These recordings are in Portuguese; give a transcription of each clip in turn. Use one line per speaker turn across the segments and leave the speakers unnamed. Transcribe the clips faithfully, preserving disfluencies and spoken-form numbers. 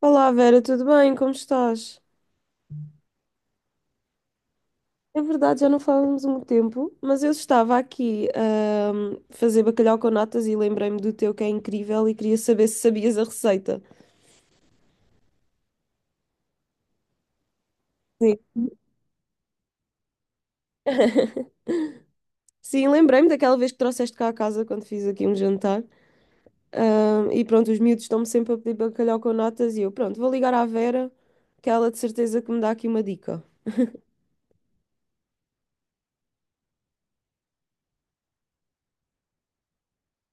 Olá Vera, tudo bem? Como estás? É verdade, já não falamos há muito tempo, mas eu estava aqui ahm, a fazer bacalhau com natas e lembrei-me do teu que é incrível e queria saber se sabias a receita. Sim. Sim, lembrei-me daquela vez que trouxeste cá a casa quando fiz aqui um jantar. Ahm, e pronto, os miúdos estão-me sempre a pedir bacalhau com natas e eu, pronto, vou ligar à Vera, que ela de certeza que me dá aqui uma dica.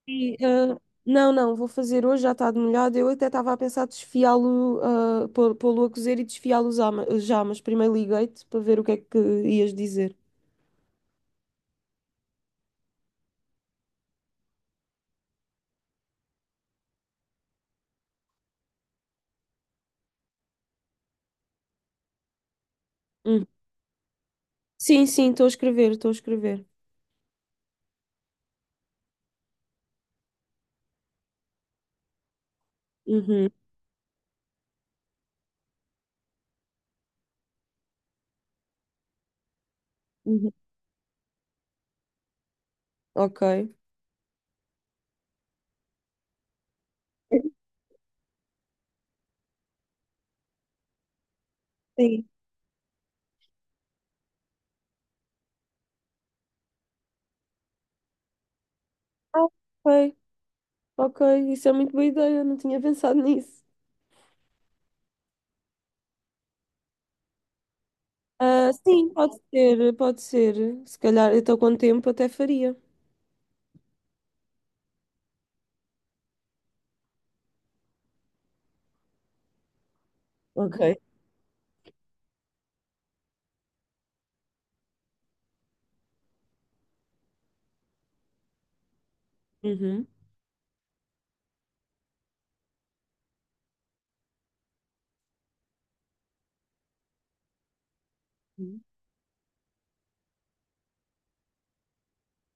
E, ah, não, não, vou fazer hoje, já está de molhado. Eu até estava a pensar desfiá-lo, ah, pô- pô-lo a cozer e desfiá-lo já, ma- já, mas primeiro liguei-te para ver o que é que ias dizer. Hum. Sim, sim, estou a escrever, estou a escrever. Uhum, uhum. Ok. Sim. Ah, ok, ok, isso é muito boa ideia, não tinha pensado nisso. Ah, sim, pode ser, pode ser. Se calhar, eu estou com o tempo, até faria. Ok. Uhum.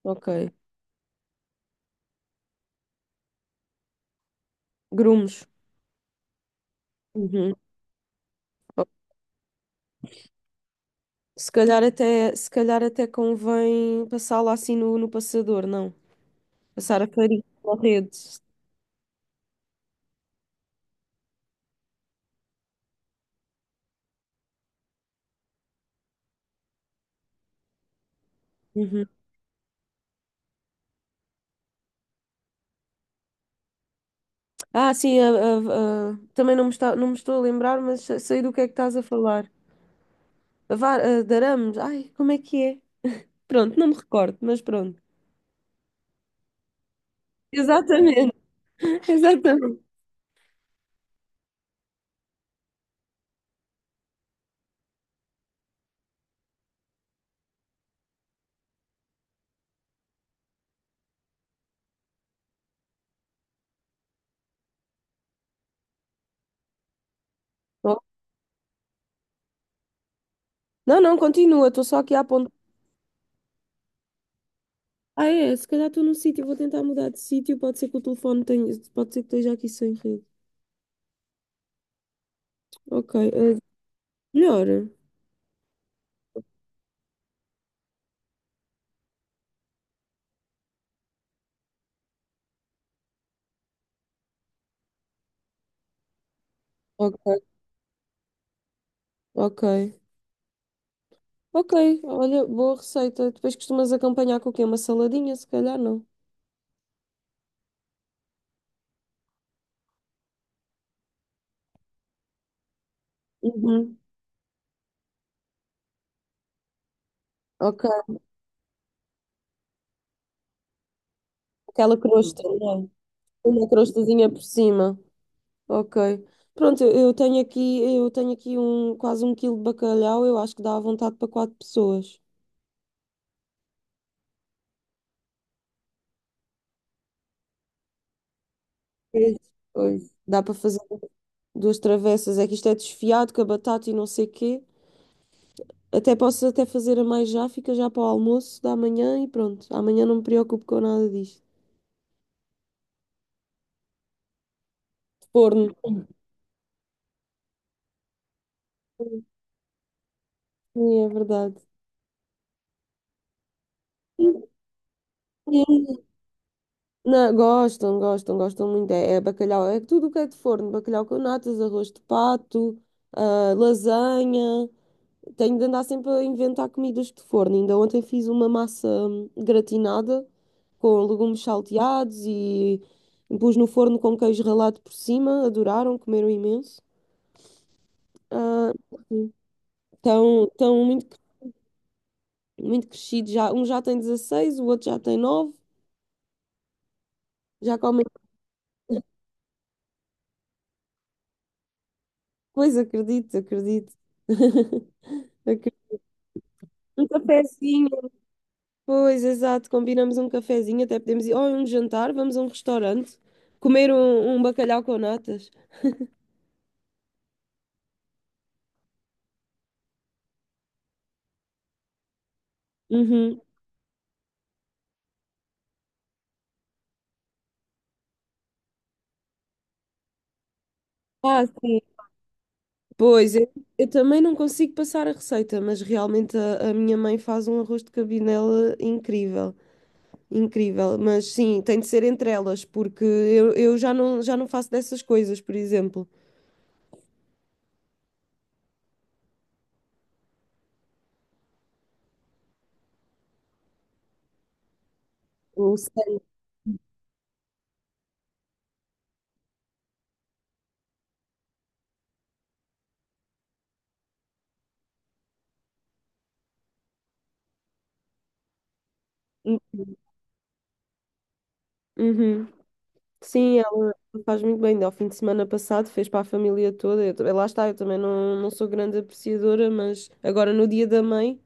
Ok. Grumos. Uhum. Se calhar até, se calhar até convém passá-la assim no, no passador, não? Passar a farinha na rede. Uhum. Ah, sim, a- a- a- também não me está, não me estou a lembrar, mas se- sei do que é que estás a falar. A var, a darames. Ai, como é que é? Pronto, não me recordo, mas pronto. Exatamente. Exatamente. Oh, Não, não, continua, estou só aqui a apontar. Ah, é? Se calhar estou num sítio, vou tentar mudar de sítio. Pode ser que o telefone tenha. Pode ser que esteja aqui sem rede. Ok. eh, melhor. Ok, ok. Ok, olha, boa receita. Depois costumas acompanhar com o quê? Uma saladinha, se calhar, não? Uhum. Ok, aquela crosta, não é? Uma crostazinha por cima. Ok. Pronto, eu eu tenho aqui, eu tenho aqui um, quase um quilo de bacalhau. Eu acho que dá à vontade para quatro pessoas. Pois, pois. Dá para fazer duas travessas. É que isto é desfiado com a batata e não sei quê. Até posso até fazer a mais já, fica já para o almoço da manhã e pronto. Amanhã não me preocupo com nada disto. Forno. Sim, é verdade. Sim, sim. Não, gostam, gostam, gostam muito. É, é bacalhau, é tudo o que é de forno. Bacalhau com natas, arroz de pato, ah, lasanha. Tenho de andar sempre a inventar comidas de forno. Ainda ontem fiz uma massa hum, gratinada com legumes salteados e pus no forno com queijo ralado por cima. Adoraram, comeram imenso. Ah, Estão, estão muito, muito crescidos já. Um já tem dezasseis, o outro já tem nove. Já comem coisa, acredito, acredito. Acredito. Um cafezinho. Pois, exato. Combinamos um cafezinho, até podemos ir. Ou a um jantar, vamos a um restaurante. Comer um, um, bacalhau com natas. Uhum. Ah, sim. Pois, eu, eu também não consigo passar a receita, mas realmente a, a minha mãe faz um arroz de cabidela incrível. Incrível, mas sim, tem de ser entre elas, porque eu, eu já não, já não faço dessas coisas, por exemplo. Eu sei- Uhum. Sim, ela faz muito bem. Ao fim de semana passado fez para a família toda. Eu, ta- lá está, eu também não, não sou grande apreciadora, mas agora no dia da mãe,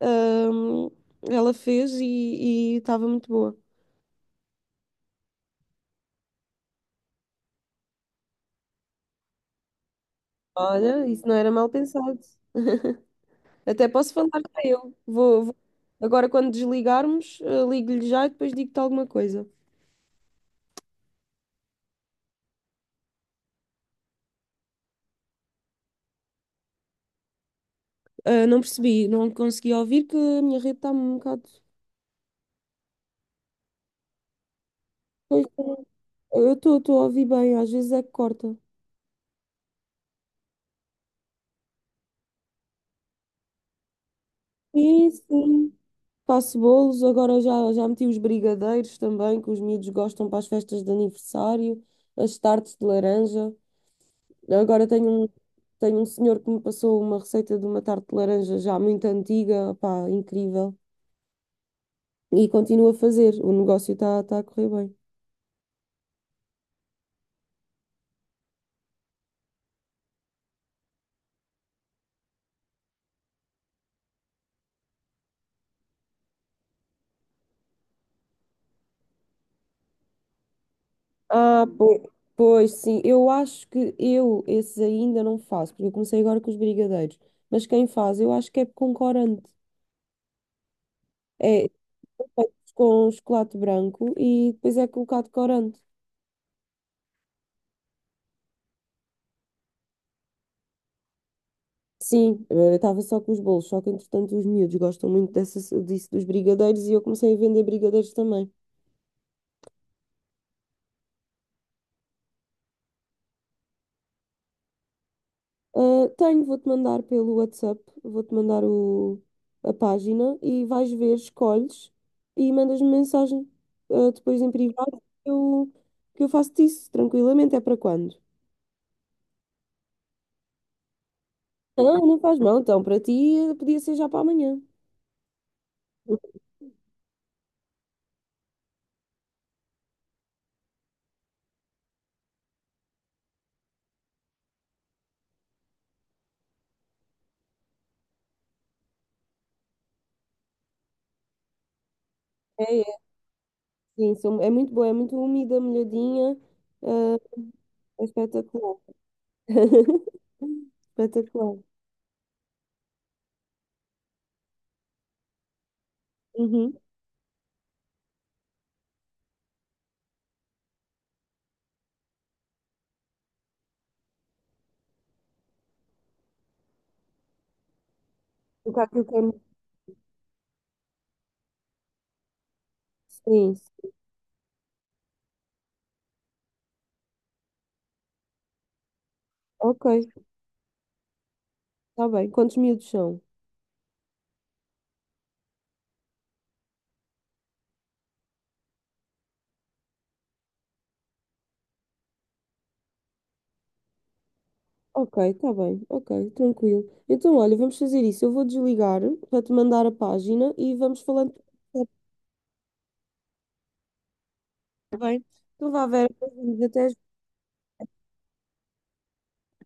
ahm, ela fez e e estava muito boa. Olha, isso não era mal pensado. Até posso falar para eu. Vou, vou- Agora, quando desligarmos, eh, ligo-lhe já e depois digo-te alguma coisa. Ah, não percebi, não consegui ouvir que a minha rede está um bocado. Pois, Eu estou estou a ouvir bem, às vezes é que corta. Sim, sim. Faço bolos, agora já, já meti os brigadeiros também, que os miúdos gostam para as festas de aniversário, as tartes de laranja. Agora tenho um, tenho um senhor que me passou uma receita de uma tarte de laranja já muito antiga, pá, incrível. E continuo a fazer, o negócio está tá tá a correr bem. Ah, pois, pois sim, eu acho que eu esses ainda não faço, porque eu comecei agora com os brigadeiros. Mas quem faz, eu acho que é com corante. É são com chocolate branco e depois é colocado corante. Sim, eu estava só com os bolos, só que entretanto os miúdos gostam muito dessa, disso dos brigadeiros e eu comecei a vender brigadeiros também. Ah, tenho, vou-te mandar pelo WhatsApp, vou-te mandar o, a página e vais ver, escolhes e mandas-me mensagem. Ah, depois em privado eu, que eu faço-te isso tranquilamente, é para quando? Não, não faz mal, então para ti eh, podia ser já para amanhã. É, é, sim, são- é muito boa, é muito úmida, molhadinha, ah, é espetacular. Espetacular. Uhum. O que é que eu quero? Sim, sim. ok, está bem. Quantos miúdos são? Ok, está bem, ok, tranquilo. Então, olha, vamos fazer isso. Eu vou desligar para te mandar a página e vamos falando. Está bem? Então, vá, Vera, beijinhos, até já.